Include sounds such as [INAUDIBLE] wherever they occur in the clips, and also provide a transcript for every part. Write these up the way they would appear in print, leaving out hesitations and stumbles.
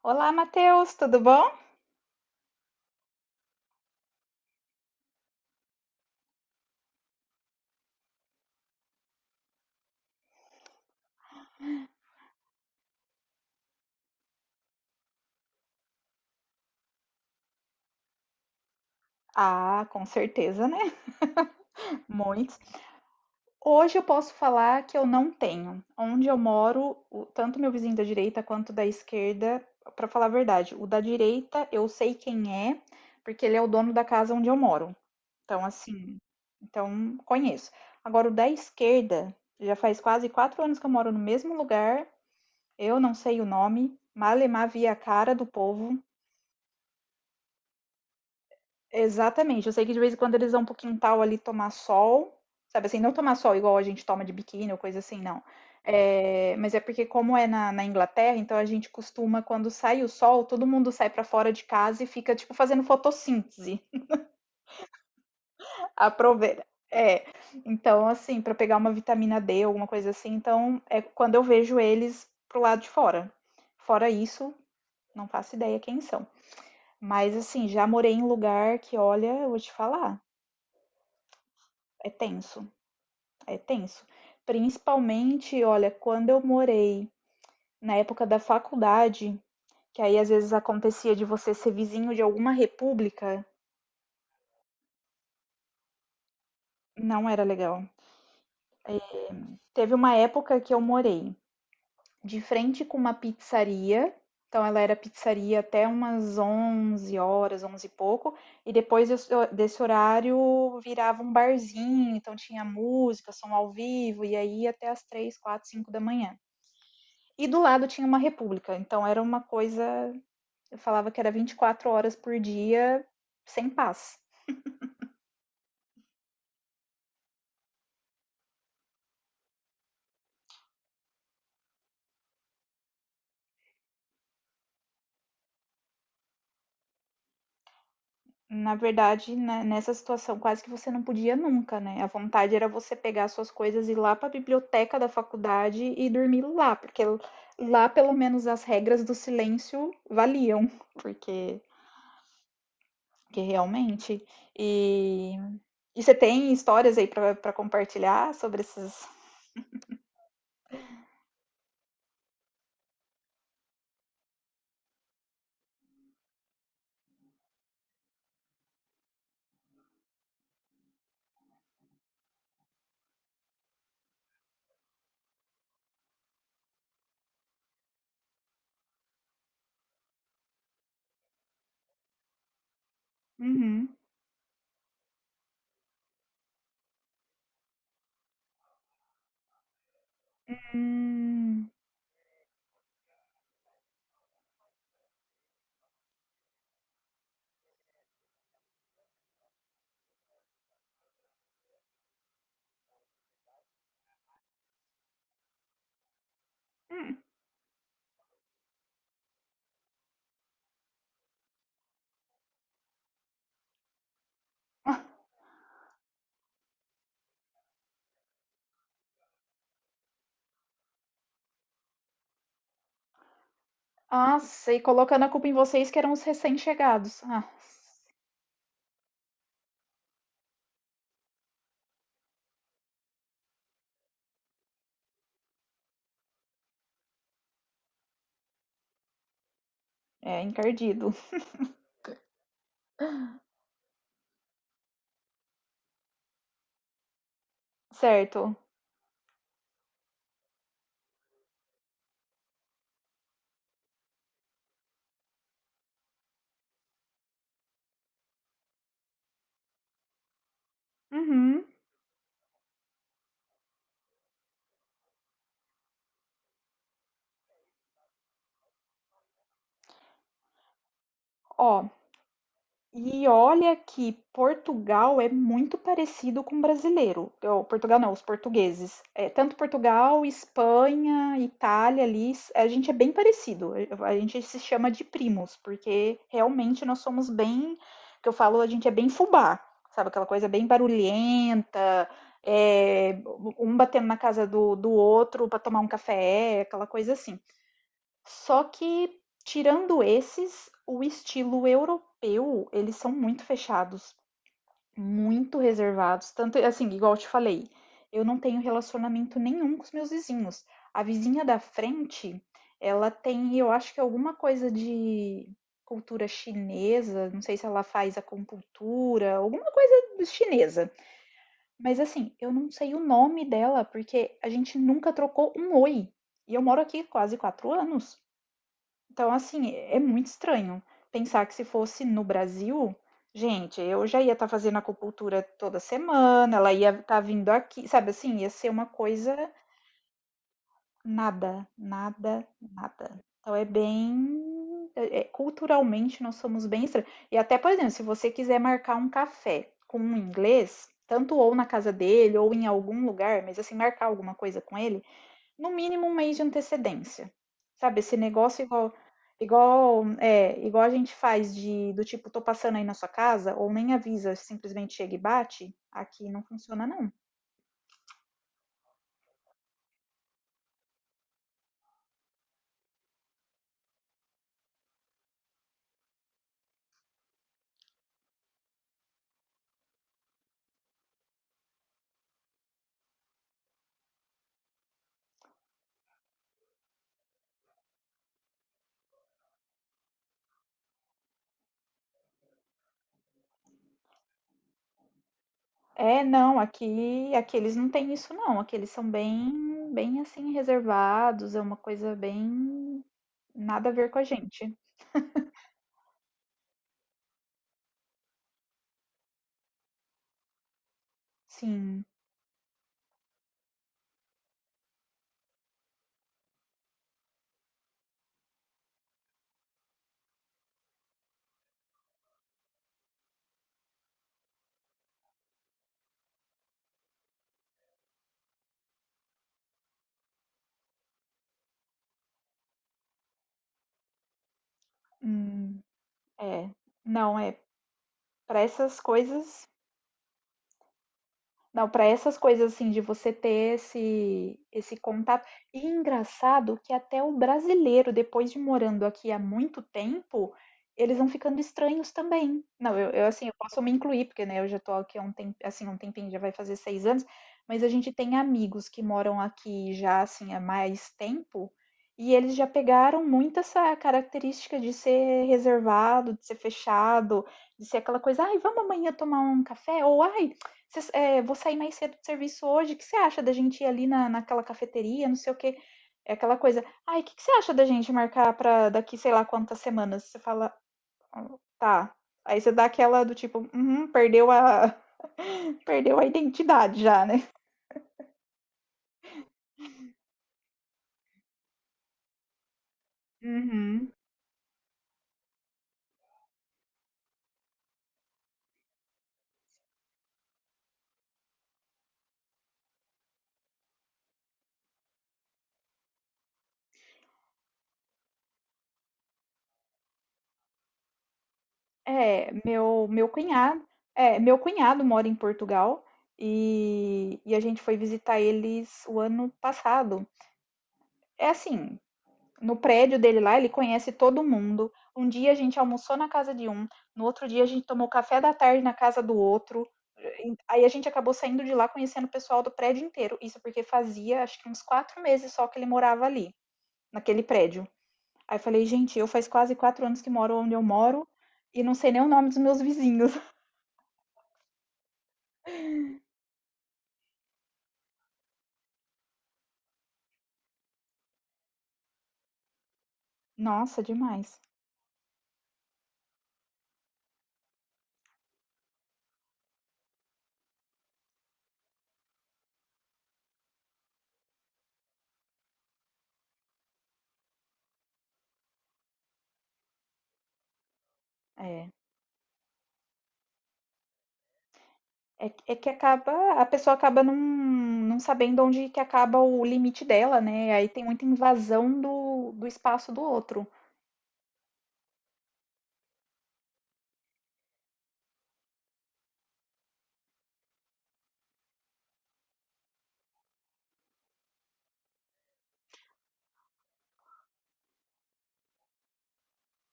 Olá, Matheus, tudo bom? Ah, com certeza, né? [LAUGHS] Muitos. Hoje eu posso falar que eu não tenho. Onde eu moro, tanto meu vizinho da direita quanto da esquerda, para falar a verdade, o da direita eu sei quem é, porque ele é o dono da casa onde eu moro. Então, assim, então conheço. Agora, o da esquerda, já faz quase 4 anos que eu moro no mesmo lugar, eu não sei o nome, malemar via a cara do povo. Exatamente. Eu sei que de vez em quando eles vão pro quintal ali tomar sol, sabe assim, não tomar sol igual a gente toma de biquíni ou coisa assim, não. É, mas é porque como é na Inglaterra, então a gente costuma, quando sai o sol, todo mundo sai pra fora de casa e fica, tipo, fazendo fotossíntese. Aproveita. É, então assim, pra pegar uma vitamina D, alguma coisa assim, então é quando eu vejo eles pro lado de fora. Fora isso, não faço ideia quem são. Mas assim, já morei em lugar que, olha, eu vou te falar, é tenso. É tenso. Principalmente, olha, quando eu morei na época da faculdade, que aí às vezes acontecia de você ser vizinho de alguma república, não era legal. Teve uma época que eu morei de frente com uma pizzaria, então ela era pizzaria até umas 11 horas, 11 e pouco, e depois desse horário virava um barzinho, então tinha música, som ao vivo, e aí até as 3, 4, 5 da manhã. E do lado tinha uma república, então era uma coisa eu falava que era 24 horas por dia sem paz. Na verdade, né, nessa situação, quase que você não podia nunca, né? A vontade era você pegar suas coisas e ir lá para a biblioteca da faculdade e dormir lá, porque lá pelo menos as regras do silêncio valiam, porque, porque realmente. E, e você tem histórias aí para compartilhar sobre esses. Uhum. Hum. Hum. Nossa, e colocando a culpa em vocês que eram os recém-chegados. Ah, é encardido. Certo. Uhum. Ó, e olha que Portugal é muito parecido com o brasileiro. Ou, Portugal não, os portugueses. É, tanto Portugal, Espanha, Itália ali, a gente é bem parecido. A gente se chama de primos, porque realmente nós somos bem, que eu falo, a gente é bem fubá, sabe? Aquela coisa bem barulhenta, é, um batendo na casa do outro para tomar um café, aquela coisa assim. Só que, tirando esses, o estilo europeu, eles são muito fechados, muito reservados. Tanto, assim, igual eu te falei, eu não tenho relacionamento nenhum com os meus vizinhos. A vizinha da frente, ela tem, eu acho que alguma coisa de cultura chinesa, não sei se ela faz acupuntura, alguma coisa chinesa. Mas assim, eu não sei o nome dela, porque a gente nunca trocou um oi. E eu moro aqui quase 4 anos. Então, assim, é muito estranho pensar que se fosse no Brasil, gente, eu já ia estar fazendo acupuntura toda semana, ela ia estar vindo aqui, sabe assim, ia ser uma coisa nada, nada, nada. Então é bem. Culturalmente nós somos bem estranhos. E até, por exemplo, se você quiser marcar um café com um inglês, tanto ou na casa dele ou em algum lugar, mas assim, marcar alguma coisa com ele no mínimo um mês de antecedência. Sabe, esse negócio igual é, igual a gente faz de do tipo tô passando aí na sua casa ou nem avisa, simplesmente chega e bate, aqui não funciona não. É, não, aqui eles não têm isso não, aqui eles são bem assim reservados, é uma coisa bem nada a ver com a gente. Sim. Hum, é. Não, é para essas coisas. Não, para essas coisas assim de você ter esse contato. E engraçado que até o brasileiro, depois de morando aqui há muito tempo, eles vão ficando estranhos também. Não, eu, assim, eu posso me incluir, porque né, eu já tô aqui há um tempo, assim, um tempinho, já vai fazer 6 anos, mas a gente tem amigos que moram aqui já assim há mais tempo, e eles já pegaram muito essa característica de ser reservado, de ser fechado, de ser aquela coisa, ai, vamos amanhã tomar um café, ou ai, Cês "Vou sair mais cedo do serviço hoje, o que você acha da gente ir ali na naquela cafeteria, não sei o quê?" É aquela coisa: "Ai, o que que você acha da gente marcar pra daqui sei lá quantas semanas?" Você fala: "Ah, "Tá." Aí você dá aquela do tipo: "Uhum, perdeu a [LAUGHS] perdeu a identidade já, né?" Uhum. É, meu cunhado é, meu cunhado mora em Portugal, e a gente foi visitar eles o ano passado. É assim, no prédio dele lá, ele conhece todo mundo. Um dia a gente almoçou na casa de um, no outro dia a gente tomou café da tarde na casa do outro. Aí a gente acabou saindo de lá conhecendo o pessoal do prédio inteiro. Isso porque fazia acho que uns 4 meses só que ele morava ali, naquele prédio. Aí falei, gente, eu faz quase 4 anos que moro onde eu moro e não sei nem o nome dos meus vizinhos. [LAUGHS] Nossa, demais. É. É, é que acaba, a pessoa acaba não sabendo onde que acaba o limite dela, né? Aí tem muita invasão do espaço do outro.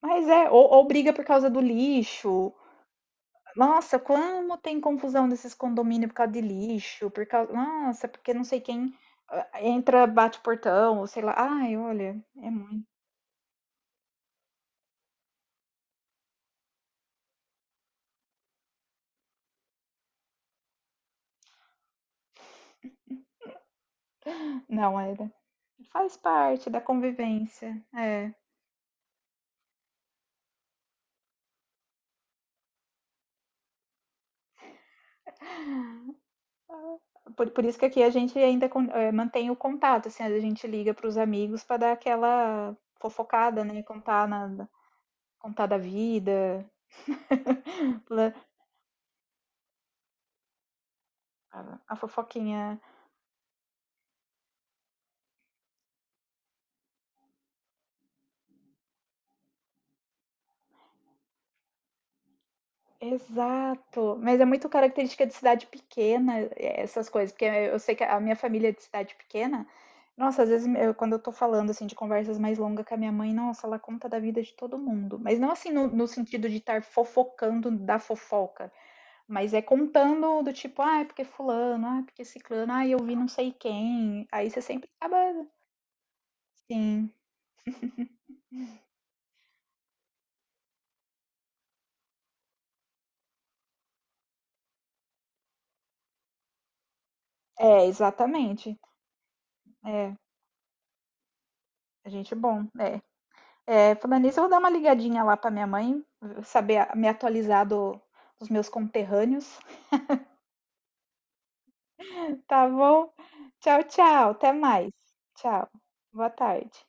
Mas é, ou briga por causa do lixo. Nossa, como tem confusão desses condomínios por causa de lixo, por causa, nossa, porque não sei quem entra, bate o portão, ou sei lá. Ai, olha, é muito. Não, é, faz parte da convivência. É. Por isso que aqui a gente ainda mantém o contato, assim, a gente liga para os amigos para dar aquela fofocada, né? Contar, contar da vida, la- a fofoquinha. Exato. Mas é muito característica de cidade pequena, essas coisas, porque eu sei que a minha família é de cidade pequena. Nossa, às vezes quando eu tô falando assim de conversas mais longas com a minha mãe, nossa, ela conta da vida de todo mundo. Mas não assim no sentido de estar fofocando da fofoca. Mas é contando do tipo, ah, é porque fulano, ah, é porque ciclano, ah, eu vi não sei quem. Aí você sempre acaba. Sim. É, exatamente. É, a gente é bom. É. É, falando nisso, eu vou dar uma ligadinha lá pra minha mãe, saber me atualizar dos meus conterrâneos. [LAUGHS] Tá bom? Tchau, tchau. Até mais. Tchau. Boa tarde.